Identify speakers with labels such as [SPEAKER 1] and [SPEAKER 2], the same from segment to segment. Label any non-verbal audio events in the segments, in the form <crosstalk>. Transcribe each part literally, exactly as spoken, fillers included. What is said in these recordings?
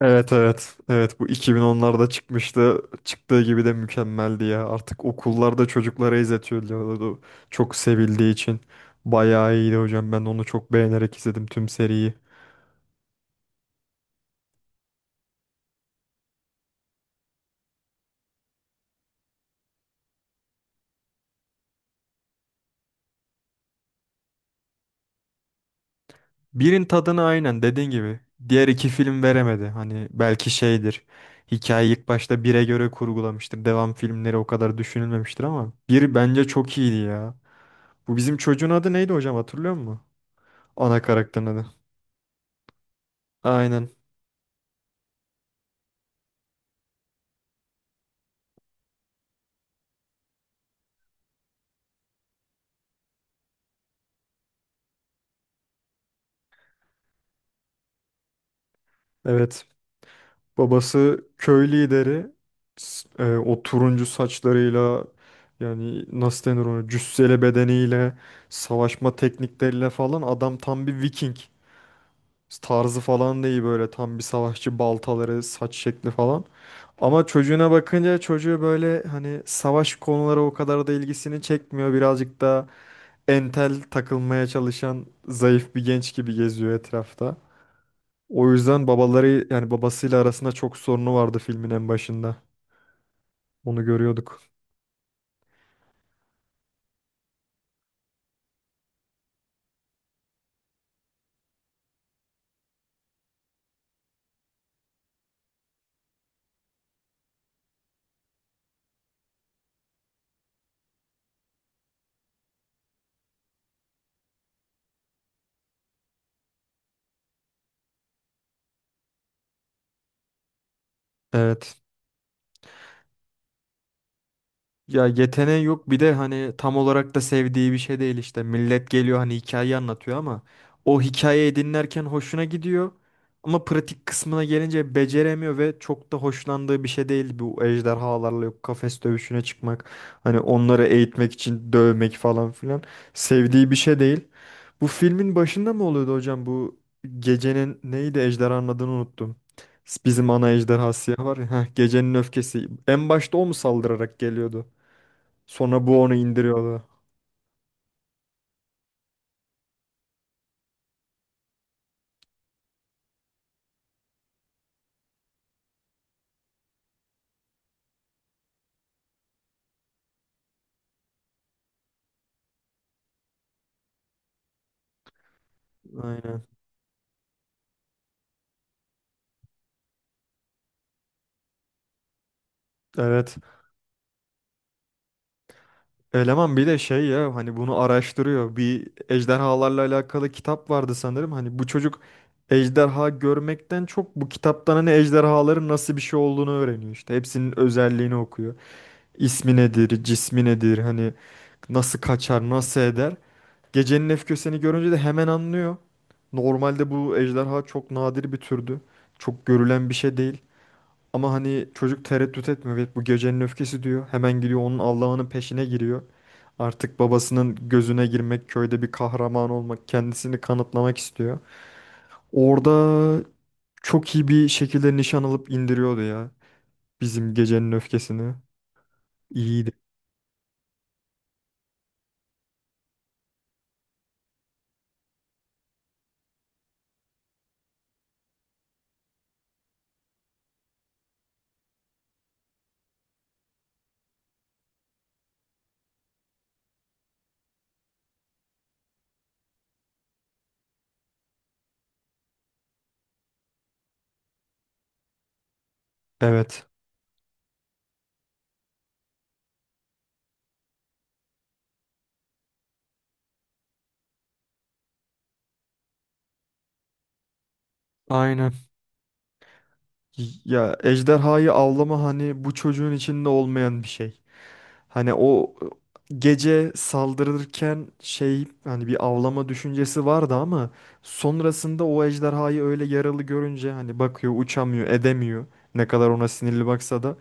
[SPEAKER 1] Evet, evet. Evet, bu iki bin onlarda çıkmıştı. Çıktığı gibi de mükemmeldi ya. Artık okullarda çocuklara izletiyorlardı. Çok sevildiği için. Bayağı iyiydi hocam. Ben onu çok beğenerek izledim tüm seriyi. Birin tadını aynen dediğin gibi. Diğer iki film veremedi. Hani belki şeydir. Hikayeyi ilk başta bire göre kurgulamıştır. Devam filmleri o kadar düşünülmemiştir ama bir bence çok iyiydi ya. Bu bizim çocuğun adı neydi hocam, hatırlıyor musun? Ana karakterin adı. Aynen. Evet. Babası köy lideri. S- e, o turuncu saçlarıyla, yani nasıl denir, ona cüsseli bedeniyle, savaşma teknikleriyle falan adam tam bir Viking tarzı falan değil, böyle tam bir savaşçı, baltaları, saç şekli falan. Ama çocuğuna bakınca, çocuğu böyle hani savaş konuları o kadar da ilgisini çekmiyor. Birazcık da entel takılmaya çalışan zayıf bir genç gibi geziyor etrafta. O yüzden babaları, yani babasıyla arasında çok sorunu vardı filmin en başında. Onu görüyorduk. Evet. Ya yeteneği yok, bir de hani tam olarak da sevdiği bir şey değil işte. Millet geliyor hani hikayeyi anlatıyor ama o hikayeyi dinlerken hoşuna gidiyor. Ama pratik kısmına gelince beceremiyor ve çok da hoşlandığı bir şey değil bu ejderhalarla yok kafes dövüşüne çıkmak. Hani onları eğitmek için dövmek falan filan, sevdiği bir şey değil. Bu filmin başında mı oluyordu hocam, bu gecenin neydi, ejderhanın adını unuttum. Bizim ana ejderha siyah var ya. Heh, gecenin öfkesi. En başta o mu saldırarak geliyordu? Sonra bu onu indiriyordu. Aynen. Evet. Eleman bir de şey ya, hani bunu araştırıyor. Bir ejderhalarla alakalı kitap vardı sanırım. Hani bu çocuk ejderha görmekten çok bu kitaptan hani ejderhaların nasıl bir şey olduğunu öğreniyor işte. Hepsinin özelliğini okuyor. İsmi nedir, cismi nedir, hani nasıl kaçar, nasıl eder. Gecenin öfkesini görünce de hemen anlıyor. Normalde bu ejderha çok nadir bir türdü. Çok görülen bir şey değil. Ama hani çocuk tereddüt etmiyor. Evet, bu gecenin öfkesi diyor. Hemen gidiyor, onun Allah'ının peşine giriyor. Artık babasının gözüne girmek, köyde bir kahraman olmak, kendisini kanıtlamak istiyor. Orada çok iyi bir şekilde nişan alıp indiriyordu ya bizim gecenin öfkesini. İyiydi. Evet. Aynen. Ya ejderhayı avlama hani bu çocuğun içinde olmayan bir şey. Hani o e, gece saldırırken şey hani bir avlama düşüncesi vardı ama sonrasında o ejderhayı öyle yaralı görünce hani bakıyor, uçamıyor, edemiyor. Ne kadar ona sinirli baksa da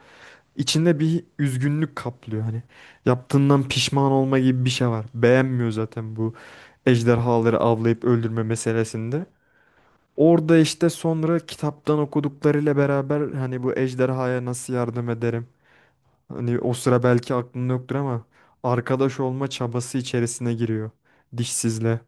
[SPEAKER 1] içinde bir üzgünlük kaplıyor hani. Yaptığından pişman olma gibi bir şey var. Beğenmiyor zaten bu ejderhaları avlayıp öldürme meselesinde. Orada işte sonra kitaptan okuduklarıyla beraber hani bu ejderhaya nasıl yardım ederim? Hani o sıra belki aklında yoktur ama arkadaş olma çabası içerisine giriyor. Dişsizle.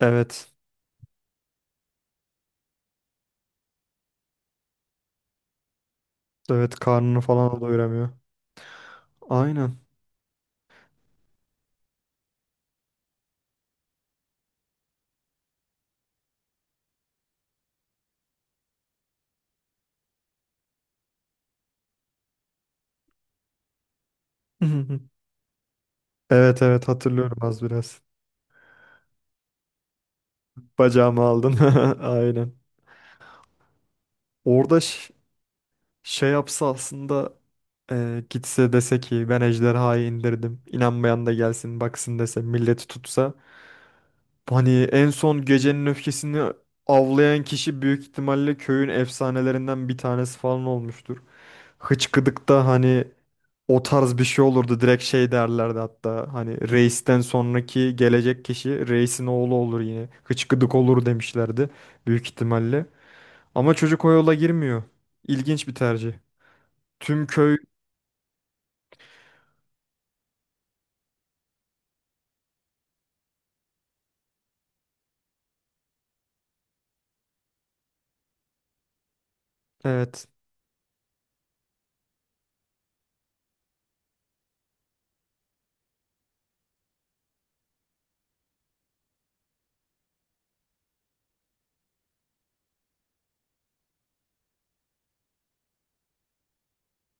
[SPEAKER 1] Evet. Evet, karnını falan doyuramıyor. Aynen. <laughs> Evet, evet, hatırlıyorum az biraz. Bacağımı aldın. <laughs> Aynen. Orada ş- Şey yapsa aslında. Ee, gitse dese ki ben ejderhayı indirdim. İnanmayan da gelsin baksın dese, milleti tutsa. Hani en son gecenin öfkesini avlayan kişi büyük ihtimalle köyün efsanelerinden bir tanesi falan olmuştur. Hıçkıdık'ta hani o tarz bir şey olurdu. Direkt şey derlerdi hatta, hani reisten sonraki gelecek kişi reisin oğlu olur yine, Hıçkıdık olur demişlerdi büyük ihtimalle. Ama çocuk o yola girmiyor. İlginç bir tercih. Tüm köy, evet,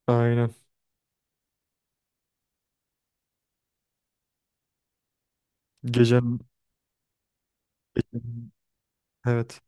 [SPEAKER 1] aynen. Gecenin, evet.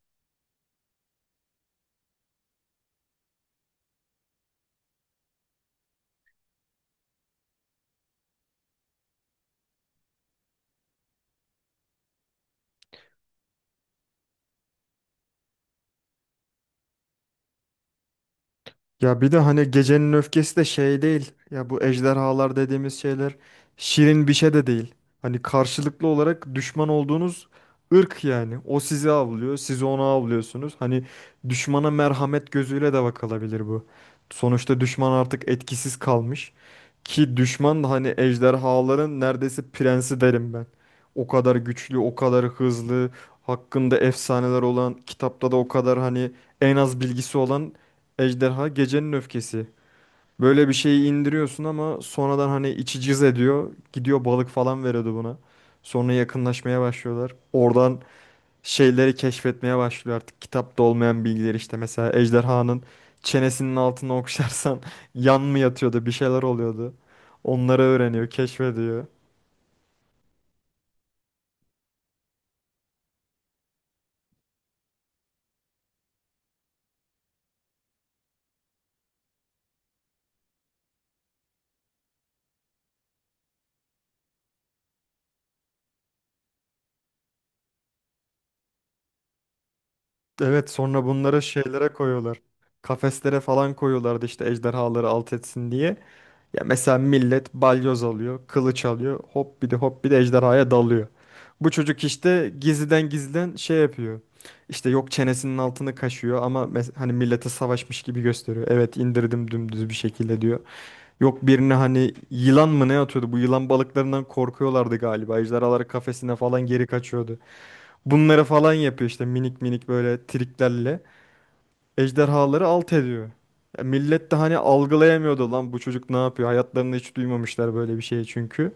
[SPEAKER 1] Ya bir de hani gecenin öfkesi de şey değil. Ya bu ejderhalar dediğimiz şeyler şirin bir şey de değil. Hani karşılıklı olarak düşman olduğunuz ırk yani. O sizi avlıyor, siz onu avlıyorsunuz. Hani düşmana merhamet gözüyle de bakılabilir bu. Sonuçta düşman artık etkisiz kalmış. Ki düşman da hani ejderhaların neredeyse prensi derim ben. O kadar güçlü, o kadar hızlı, hakkında efsaneler olan, kitapta da o kadar hani en az bilgisi olan ejderha gecenin öfkesi. Böyle bir şeyi indiriyorsun ama sonradan hani içi cız ediyor. Gidiyor balık falan veriyordu buna. Sonra yakınlaşmaya başlıyorlar. Oradan şeyleri keşfetmeye başlıyor artık. Kitapta olmayan bilgileri işte, mesela ejderhanın çenesinin altına okşarsan <laughs> yan mı yatıyordu, bir şeyler oluyordu. Onları öğreniyor, keşfediyor. Evet, sonra bunları şeylere koyuyorlar. Kafeslere falan koyuyorlardı işte ejderhaları alt etsin diye. Ya mesela millet balyoz alıyor, kılıç alıyor, hop bir de hop bir de ejderhaya dalıyor. Bu çocuk işte gizliden gizliden şey yapıyor. İşte yok, çenesinin altını kaşıyor ama mes- hani millete savaşmış gibi gösteriyor. Evet, indirdim dümdüz bir şekilde, diyor. Yok, birine hani yılan mı ne atıyordu? Bu yılan balıklarından korkuyorlardı galiba. Ejderhaları kafesine falan geri kaçıyordu. Bunları falan yapıyor işte, minik minik böyle triklerle ejderhaları alt ediyor. Ya millet de hani algılayamıyordu, lan bu çocuk ne yapıyor? Hayatlarında hiç duymamışlar böyle bir şey çünkü.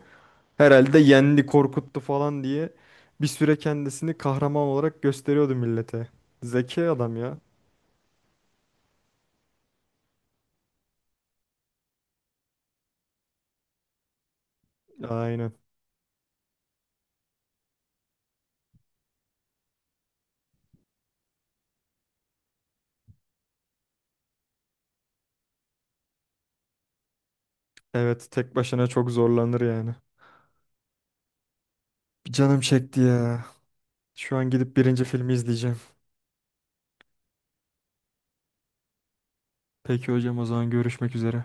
[SPEAKER 1] Herhalde yendi, korkuttu falan diye bir süre kendisini kahraman olarak gösteriyordu millete. Zeki adam ya. Aynen. Evet, tek başına çok zorlanır yani. Canım çekti ya. Şu an gidip birinci filmi izleyeceğim. Peki hocam, o zaman görüşmek üzere.